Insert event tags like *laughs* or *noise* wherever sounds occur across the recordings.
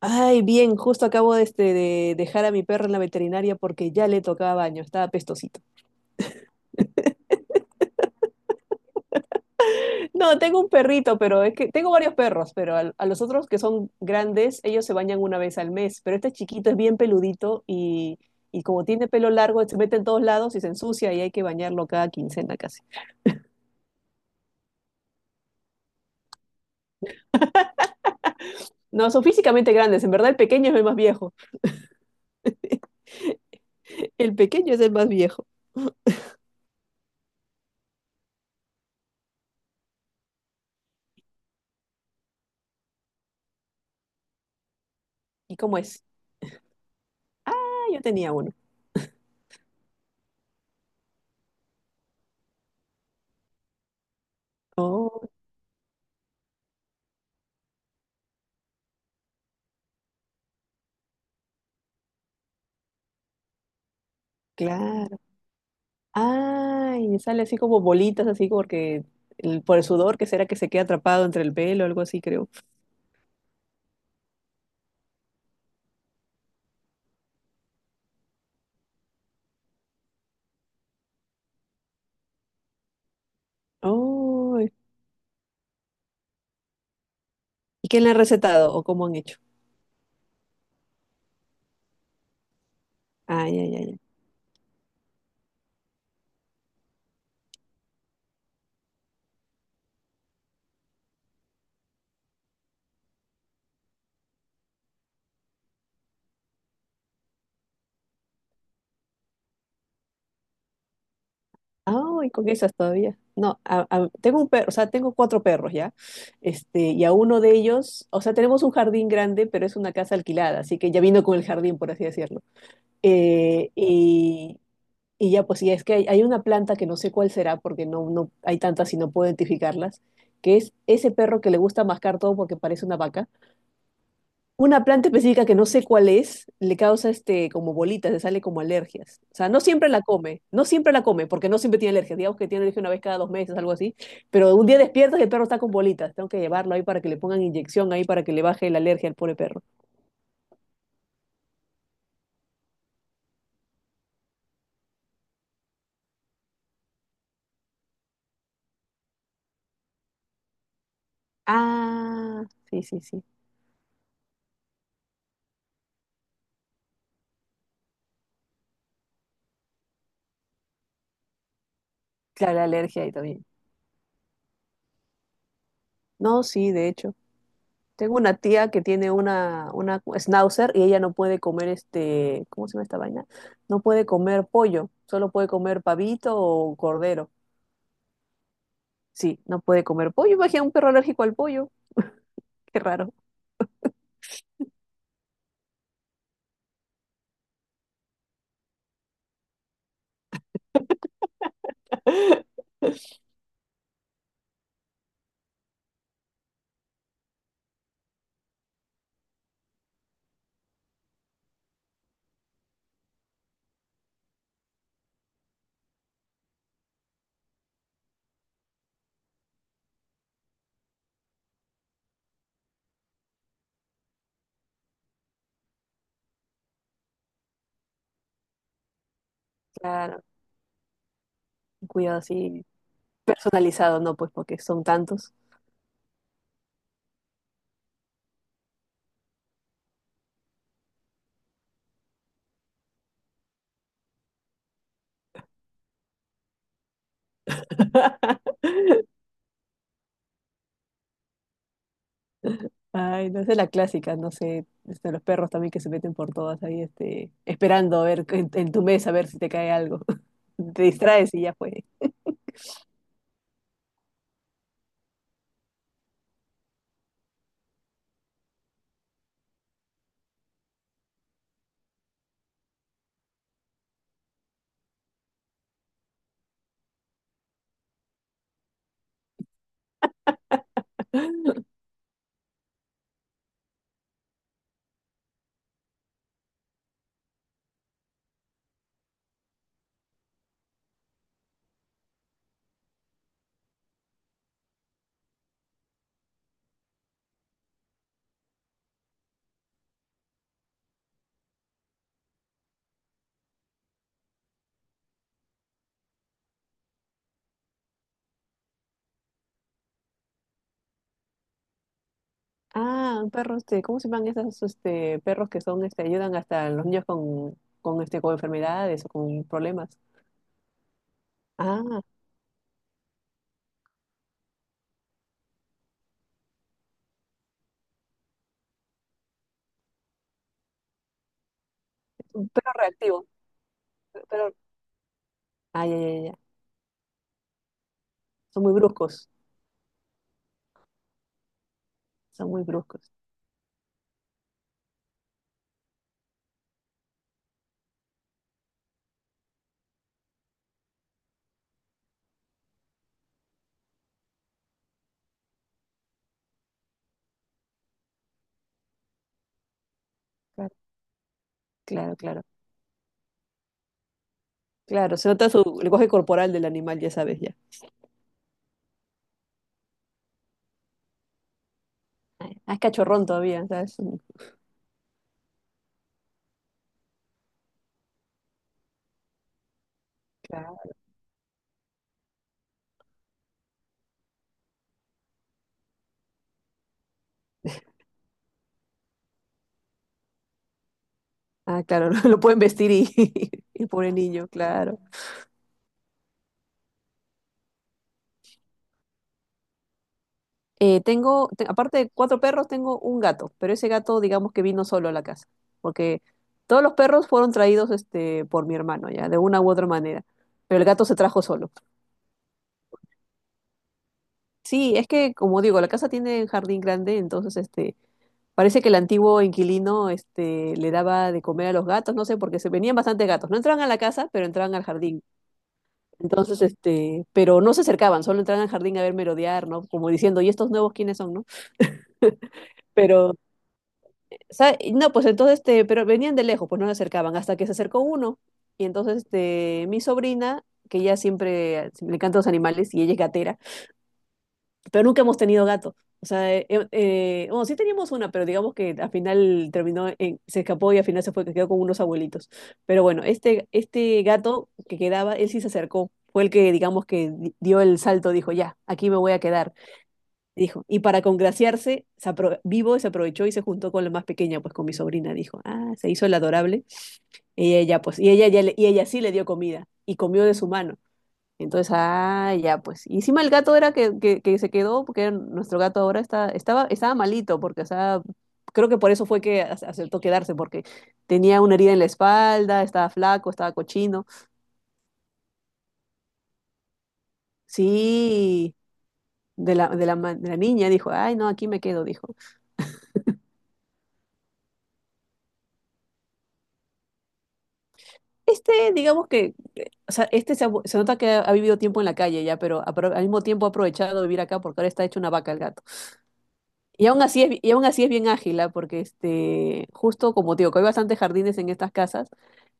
Ay, bien, justo acabo de dejar a mi perro en la veterinaria porque ya le tocaba baño, estaba pestosito. No, tengo un perrito, pero es que tengo varios perros, pero los otros que son grandes, ellos se bañan una vez al mes, pero este chiquito es bien peludito y como tiene pelo largo, se mete en todos lados y se ensucia y hay que bañarlo cada quincena casi. No, son físicamente grandes, en verdad el pequeño es el más viejo. *laughs* El pequeño es el más viejo. ¿Y cómo es? Ah, yo tenía uno. Oh, claro. Ay, sale así como bolitas, así como porque por el sudor, que será que se queda atrapado entre el pelo o algo así, creo. Oh, ¿y quién le ha recetado o cómo han hecho? Ay, ay, ay, ay. Ay, con esas todavía. No, tengo un perro, o sea, tengo cuatro perros ya. Y a uno de ellos, o sea, tenemos un jardín grande, pero es una casa alquilada, así que ya vino con el jardín, por así decirlo. Eh, y Y ya, pues, y es que hay una planta que no sé cuál será, porque no hay tantas y no puedo identificarlas, que es ese perro que le gusta mascar todo porque parece una vaca. Una planta específica que no sé cuál es, le causa este como bolitas, le sale como alergias. O sea, no siempre la come, no siempre la come, porque no siempre tiene alergias. Digamos que tiene alergia una vez cada 2 meses, algo así. Pero un día despiertas y el perro está con bolitas. Tengo que llevarlo ahí para que le pongan inyección ahí para que le baje la alergia al pobre perro. Ah, sí, sí, sí. Claro, la alergia ahí también. No, sí, de hecho. Tengo una tía que tiene una schnauzer y ella no puede comer este, ¿cómo se llama esta vaina? No puede comer pollo, solo puede comer pavito o cordero. Sí, no puede comer pollo. Imagina un perro alérgico al pollo. Qué raro. Claro, un cuidado así personalizado, no, pues porque son tantos. *laughs* Ay, no sé la clásica, no sé, los perros también que se meten por todas ahí, esperando a ver en tu mesa a ver si te cae algo. *laughs* Te distraes y ya fue. Ah, perros, ¿cómo se llaman esos perros que son, ayudan hasta a los niños con enfermedades o con problemas? Ah, es un perro reactivo. Pero, ah, ya, ya, ya, ya. Son muy bruscos. Son muy bruscos. Claro, claro, claro. Claro, se nota su lenguaje corporal del animal, ya sabes, ya. Ay, ah, es cachorrón todavía, ¿sabes? Mm. Claro. Ah, claro, *laughs* lo, pueden vestir y, *laughs* y el pobre niño, claro. Tengo, aparte de cuatro perros, tengo un gato, pero ese gato, digamos que vino solo a la casa, porque todos los perros fueron traídos por mi hermano, ya, de una u otra manera, pero el gato se trajo solo. Sí, es que, como digo, la casa tiene un jardín grande, entonces parece que el antiguo inquilino le daba de comer a los gatos, no sé, porque se venían bastantes gatos. No entraban a la casa, pero entraban al jardín. Entonces, pero no se acercaban, solo entraban al jardín a ver merodear, ¿no? Como diciendo, ¿y estos nuevos quiénes son, no? Pero no, pues entonces, pero venían de lejos, pues no se acercaban, hasta que se acercó uno. Y entonces, mi sobrina, que ella siempre, le encantan los animales y ella es gatera, pero nunca hemos tenido gato. O sea, bueno, sí teníamos una, pero digamos que al final terminó, se escapó y al final se fue, quedó con unos abuelitos. Pero bueno, este gato que quedaba, él sí se acercó. Fue el que, digamos, que dio el salto, dijo, ya, aquí me voy a quedar. Dijo, y para congraciarse, vivo se aprovechó y se juntó con la más pequeña, pues con mi sobrina, dijo. Ah, se hizo el adorable. Y ella, pues, y ella, y ella sí le dio comida y comió de su mano. Entonces, ah, ya, pues. Y encima el gato era que se quedó, porque era nuestro gato ahora está, estaba, estaba malito, porque, o sea, creo que por eso fue que aceptó quedarse, porque tenía una herida en la espalda, estaba flaco, estaba cochino. Sí, de la niña dijo, ay, no, aquí me quedo, dijo. Este, digamos que, o sea, se nota que ha vivido tiempo en la calle ya, pero al mismo tiempo ha aprovechado de vivir acá porque ahora está hecho una vaca el gato. Y aún así es, y aún así es bien ágil, ¿ah? Porque este, justo como te digo, que hay bastantes jardines en estas casas,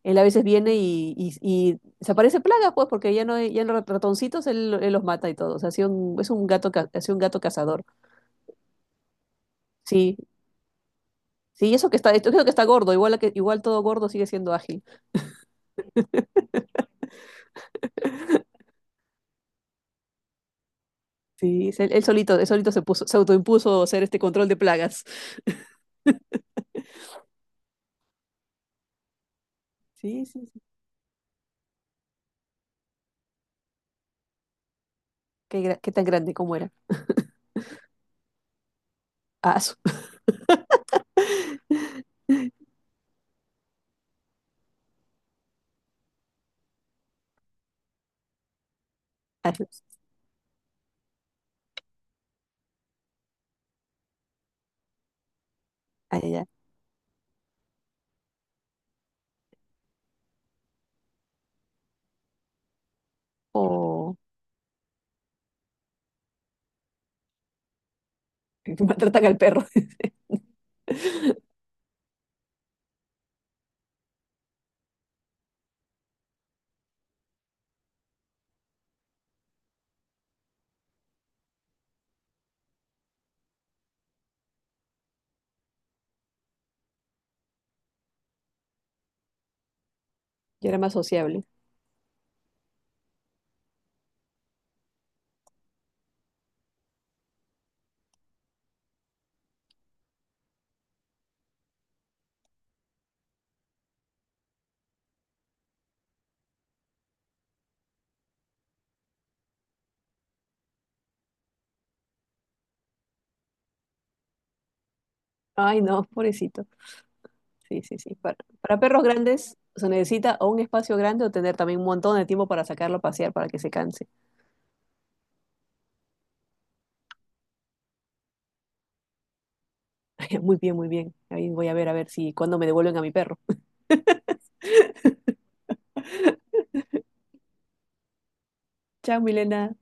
él a veces viene y se aparece plagas, pues, porque ya no hay, ya los ratoncitos él los mata y todo. O sea, ha sido un, es un gato, ha sido un gato cazador. Sí, sí, eso que está, esto creo que está gordo, igual, a que, igual todo gordo sigue siendo ágil. Sí, es él solito, él solito se puso, se autoimpuso ser este control de plagas. Sí, sí, sí. ¿Qué, qué tan grande como era? Ah, su- *laughs* ah, su- ah, ya, ya. O *laughs* maltratan al perro. *laughs* Yo era más sociable. Ay, no, pobrecito. Sí, sí, sí. Para perros grandes se necesita o un espacio grande o tener también un montón de tiempo para sacarlo a pasear para que se canse. *laughs* Muy bien, muy bien. Ahí voy a ver si cuando me devuelven a mi perro. *laughs* Chao, Milena.